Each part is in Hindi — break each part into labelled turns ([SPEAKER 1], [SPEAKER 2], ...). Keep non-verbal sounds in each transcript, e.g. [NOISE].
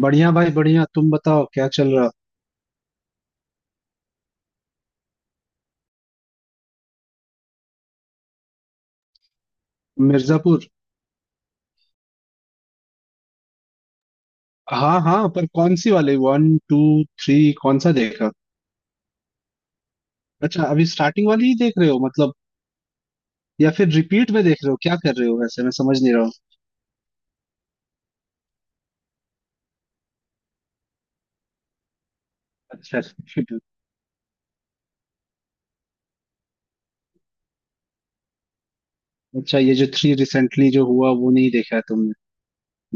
[SPEAKER 1] बढ़िया भाई बढ़िया। तुम बताओ क्या चल रहा। मिर्जापुर? हाँ हाँ, पर कौन सी वाली, वन टू थ्री? कौन सा देखा? अच्छा, अभी स्टार्टिंग वाली ही देख रहे हो मतलब, या फिर रिपीट में देख रहे हो? क्या कर रहे हो वैसे, मैं समझ नहीं रहा हूँ। अच्छा repeat में। अच्छा, ये जो थ्री रिसेंटली जो हुआ वो नहीं देखा है तुमने?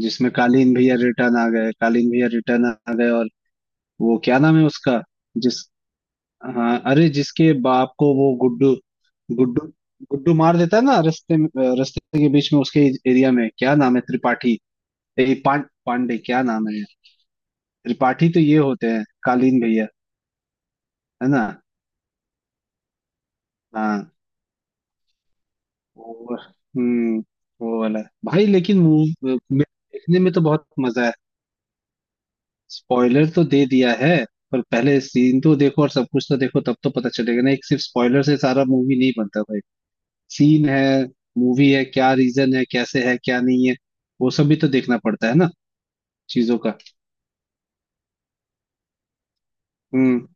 [SPEAKER 1] जिसमें कालीन भैया रिटर्न आ गए, कालीन भैया रिटर्न आ गए और वो क्या नाम है उसका, जिस हाँ, अरे जिसके बाप को वो गुड्डू, गुड्डू गुड्डू मार देता है ना रास्ते में, रास्ते के बीच में उसके एरिया में। क्या नाम है, त्रिपाठी? ए, पां, पांडे क्या नाम है? त्रिपाठी तो ये होते हैं कालीन भैया, है ना? हाँ। वो हम्म वो वाला। भाई लेकिन मूव देखने में तो बहुत मजा है। स्पॉइलर तो दे दिया है, पर पहले सीन तो देखो और सब कुछ तो देखो तब तो पता चलेगा ना। एक सिर्फ स्पॉइलर से सारा मूवी नहीं बनता भाई। सीन है, मूवी है, क्या रीजन है, कैसे है, क्या नहीं है, वो सब भी तो देखना पड़ता है ना, चीजों का। हम्म।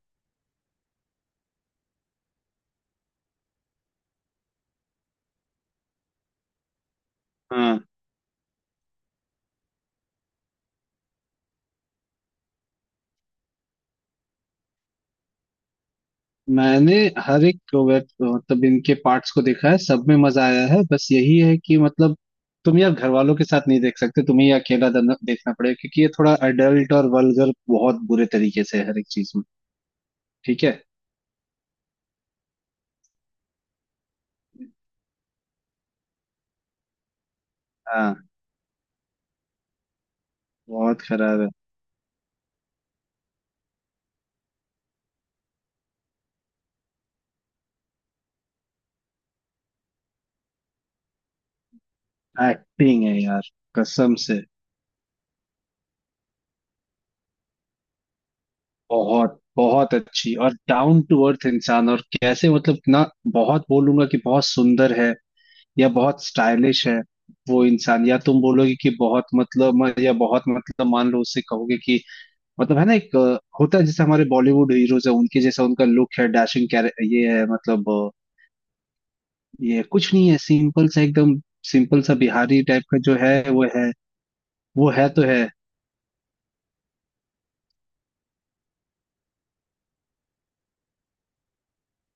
[SPEAKER 1] हाँ। मैंने हर एक वेब मतलब इनके पार्ट्स को देखा है, सब में मजा आया है। बस यही है कि मतलब, तुम यार घर वालों के साथ नहीं देख सकते, तुम्हें ये अकेला देखना पड़ेगा, क्योंकि ये थोड़ा अडल्ट और वल्गर बहुत बुरे तरीके से है हर एक चीज में। ठीक है। हाँ। बहुत खराब है। एक्टिंग है यार, कसम से। बहुत बहुत अच्छी। और डाउन टू अर्थ इंसान और कैसे मतलब ना, बहुत बोलूंगा कि बहुत सुंदर है या बहुत स्टाइलिश है वो इंसान, या तुम बोलोगे कि बहुत मतलब या बहुत मतलब, मान लो उससे कहोगे कि मतलब है ना, एक होता है जैसे हमारे बॉलीवुड हीरोज है, उनके जैसा उनका लुक है डैशिंग, ये है मतलब ये कुछ नहीं है, सिंपल सा एकदम, सिंपल सा बिहारी टाइप का जो है वो है, वो है तो है।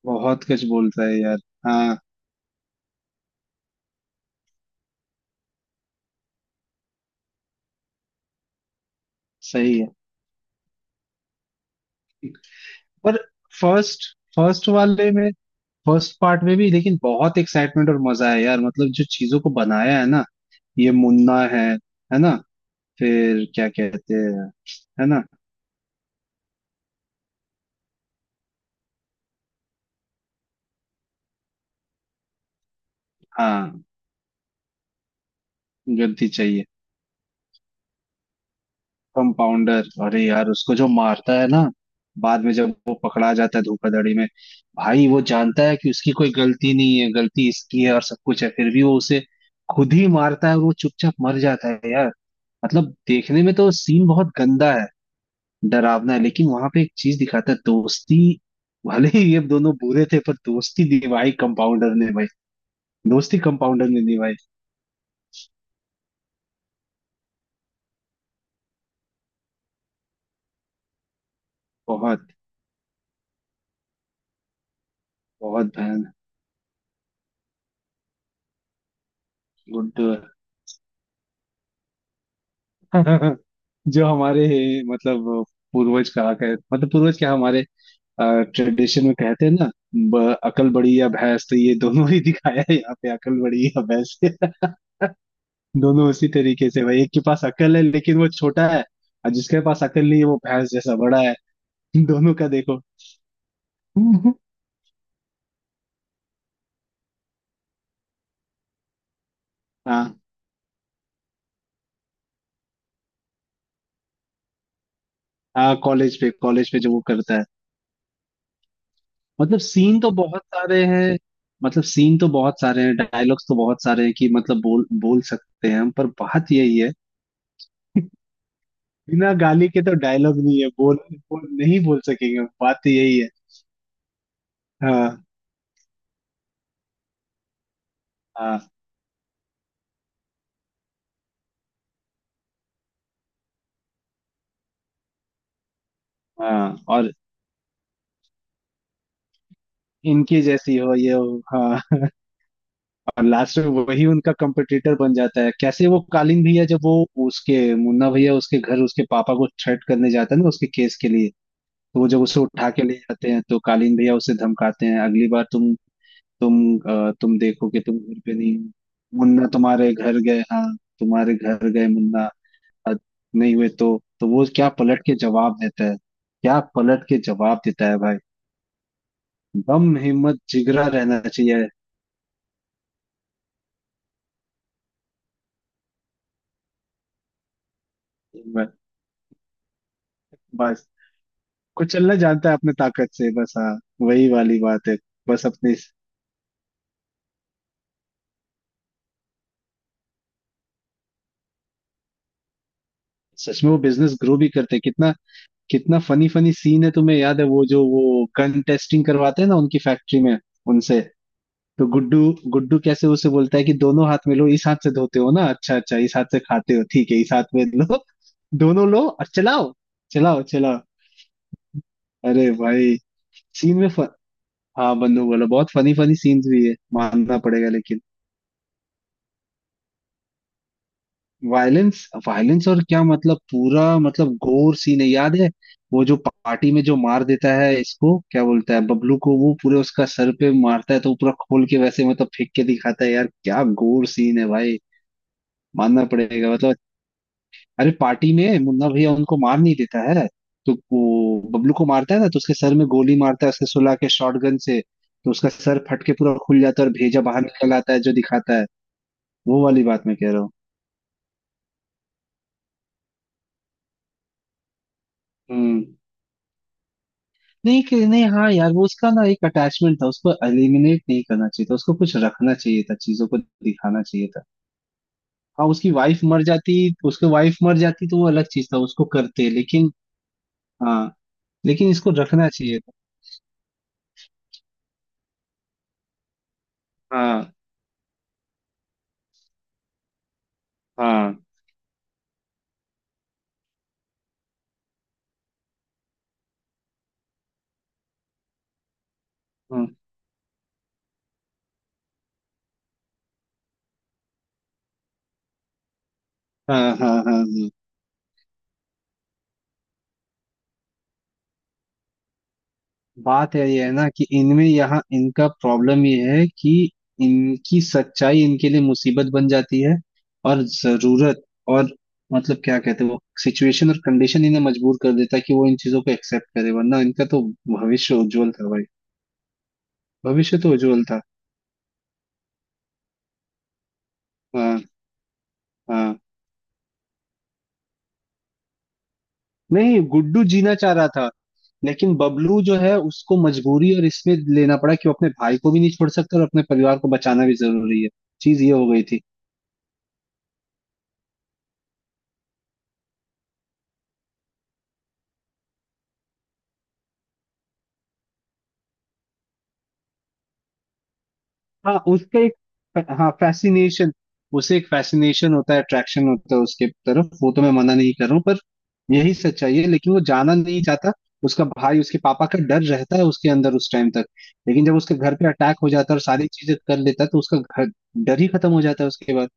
[SPEAKER 1] बहुत कुछ बोलता है यार। हाँ। सही है। पर फर्स्ट, वाले में, फर्स्ट पार्ट में भी, लेकिन बहुत एक्साइटमेंट और मजा है यार, मतलब जो चीजों को बनाया है ना। ये मुन्ना है ना? फिर क्या कहते हैं, है ना? हाँ। गद्दी चाहिए। कंपाउंडर, अरे यार उसको जो मारता है ना, बाद में जब वो पकड़ा जाता है धोखाधड़ी में। भाई वो जानता है कि उसकी कोई गलती नहीं है, गलती इसकी है और सब कुछ है, फिर भी वो उसे खुद ही मारता है और वो चुपचाप मर जाता है यार। मतलब देखने में तो सीन बहुत गंदा है, डरावना है, लेकिन वहां पे एक चीज दिखाता है, दोस्ती। भले ही ये दोनों बुरे थे, पर दोस्ती निभाई कंपाउंडर ने भाई। दोस्ती कंपाउंडर ने निभाई। बहुत। बहुत भयान गुड [LAUGHS] जो हमारे मतलब पूर्वज कहा कह मतलब पूर्वज क्या, हमारे ट्रेडिशन में कहते हैं ना, अकल बड़ी या भैंस, तो ये दोनों ही दिखाया है यहाँ पे, अकल बड़ी या भैंस। [LAUGHS] दोनों उसी तरीके से भाई, एक के पास अकल है लेकिन वो छोटा है, और जिसके पास अकल नहीं है वो भैंस जैसा बड़ा है। [LAUGHS] दोनों का देखो। [LAUGHS] हाँ। हाँ कॉलेज पे, जो वो करता है। मतलब सीन तो बहुत सारे हैं, डायलॉग्स तो बहुत सारे हैं, कि मतलब बोल बोल सकते हैं हम, पर बात यही है, बिना गाली के तो डायलॉग नहीं है। बोल नहीं, बोल सकेंगे, बात तो यही है। हाँ। हाँ। हाँ और इनकी जैसी हो ये हो। हाँ। और लास्ट में वही उनका कंपटीटर बन जाता है। कैसे वो कालीन भैया, जब वो उसके मुन्ना भैया उसके घर उसके पापा को थ्रेट करने जाता है ना उसके केस के लिए, तो वो जब उसे उठा के ले जाते हैं तो कालीन भैया उसे धमकाते हैं, अगली बार तुम, तुम तुम देखो कि तुम घर पे नहीं हो, मुन्ना तुम्हारे घर गए। हाँ। तुम्हारे घर गए मुन्ना, आज नहीं हुए तो? तो वो क्या पलट के जवाब देता है? क्या पलट के जवाब देता है भाई? दम, हिम्मत, जिगरा रहना चाहिए। हिम्मत, बस। कुचलना जानता है अपने ताकत से बस। हाँ, वही वाली बात है। बस अपनी। सच में वो बिजनेस ग्रो भी करते हैं। कितना कितना फनी फनी सीन है! तुम्हें याद है वो जो वो गन टेस्टिंग करवाते हैं ना उनकी फैक्ट्री में, उनसे? तो गुड्डू, कैसे उसे बोलता है कि दोनों हाथ में लो, इस हाथ से धोते हो ना, अच्छा अच्छा इस हाथ से खाते हो, ठीक है, इस हाथ में लो, दोनों लो और चलाओ, चलाओ चलाओ। अरे भाई सीन में फ... हाँ बंधु बोलो, बहुत फनी फनी सीन्स भी है, मानना पड़ेगा लेकिन। वायलेंस, वायलेंस और क्या, मतलब पूरा मतलब गोर सीन है, याद है? वो जो पार्टी में जो मार देता है, इसको क्या बोलता है, बबलू को, वो पूरे उसका सर पे मारता है तो वो पूरा खोल के वैसे मतलब फेंक के दिखाता है यार, क्या गोर सीन है भाई, मानना पड़ेगा मतलब। अरे पार्टी में मुन्ना भैया उनको मार नहीं देता है, तो वो बबलू को मारता है ना, तो उसके सर में गोली मारता है उसके, सुला के शॉटगन से, तो उसका सर फट के पूरा खुल जाता है और भेजा बाहर निकल आता है जो दिखाता है। वो वाली बात मैं कह रहा हूँ। हम्म। नहीं कि नहीं हाँ यार, वो उसका ना एक अटैचमेंट था, उसको एलिमिनेट नहीं करना चाहिए था, उसको कुछ रखना चाहिए था, चीजों को दिखाना चाहिए था। हाँ उसकी वाइफ मर जाती, तो वो अलग चीज था, उसको करते, लेकिन। हाँ। लेकिन इसको रखना चाहिए था। हाँ, हाँ, हाँ, हाँ, हाँ, हाँ, हाँ। बात है ये है ना कि इनमें यहाँ इनका प्रॉब्लम ये है कि इनकी सच्चाई इनके लिए मुसीबत बन जाती है, और जरूरत और मतलब क्या कहते हैं, वो सिचुएशन और कंडीशन इन्हें मजबूर कर देता है कि वो इन चीजों को एक्सेप्ट करे, वरना इनका तो भविष्य उज्जवल था भाई। भविष्य तो उज्जवल था। हाँ। हाँ। नहीं गुड्डू जीना चाह रहा था, लेकिन बबलू जो है उसको मजबूरी और इसमें लेना पड़ा कि वो अपने भाई को भी नहीं छोड़ सकता और अपने परिवार को बचाना भी जरूरी है। चीज ये हो गई थी। हाँ उसका एक। हाँ फैसिनेशन। उसे एक फैसिनेशन होता है, अट्रैक्शन होता है उसके तरफ, वो तो मैं मना नहीं कर रहा हूँ, पर यही सच्चाई है, लेकिन वो जाना नहीं चाहता। उसका भाई उसके पापा का डर रहता है उसके अंदर उस टाइम तक, लेकिन जब उसके घर पे अटैक हो जाता है और सारी चीजें कर लेता है तो उसका घर, डर ही खत्म हो जाता है उसके बाद।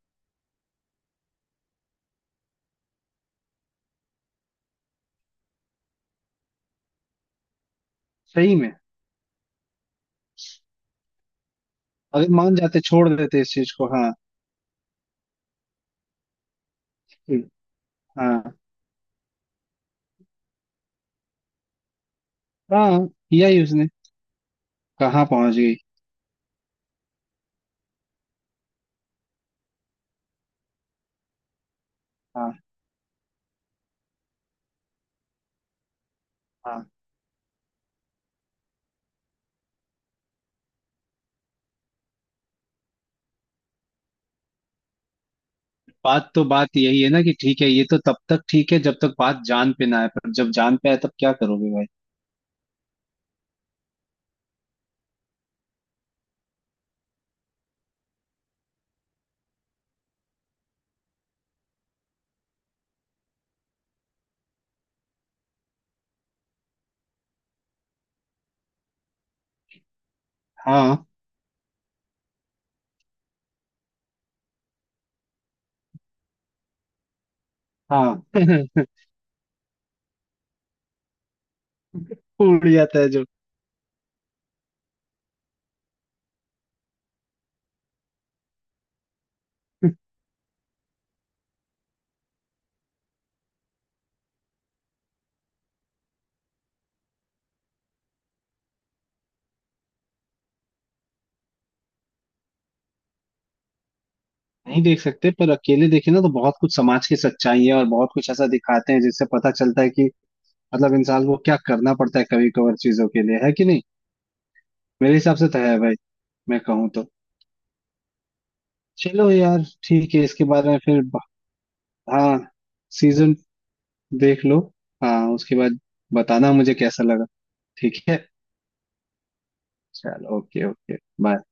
[SPEAKER 1] सही में अगर मान जाते, छोड़ देते इस चीज को। हाँ। हाँ। हाँ, किया ही उसने। कहाँ पहुंच गई। हाँ। हाँ। बात यही है ना कि ठीक है, ये तो तब तक ठीक है जब तक बात जान पे ना आए, पर जब जान पे आए तब क्या करोगे भाई? हाँ। हाँ। [LAUGHS] उड़ जाता है जो। नहीं देख सकते, पर अकेले देखे ना तो बहुत कुछ समाज की सच्चाई है और बहुत कुछ ऐसा दिखाते हैं जिससे पता चलता है कि मतलब इंसान को क्या करना पड़ता है कभी कभार चीजों के लिए, है कि नहीं? मेरे हिसाब से तो है भाई, मैं कहूँ तो। चलो यार ठीक है, इसके बारे में फिर हाँ। सीजन देख लो। हाँ उसके बाद बताना मुझे कैसा लगा। ठीक है। चलो, ओके ओके बाय।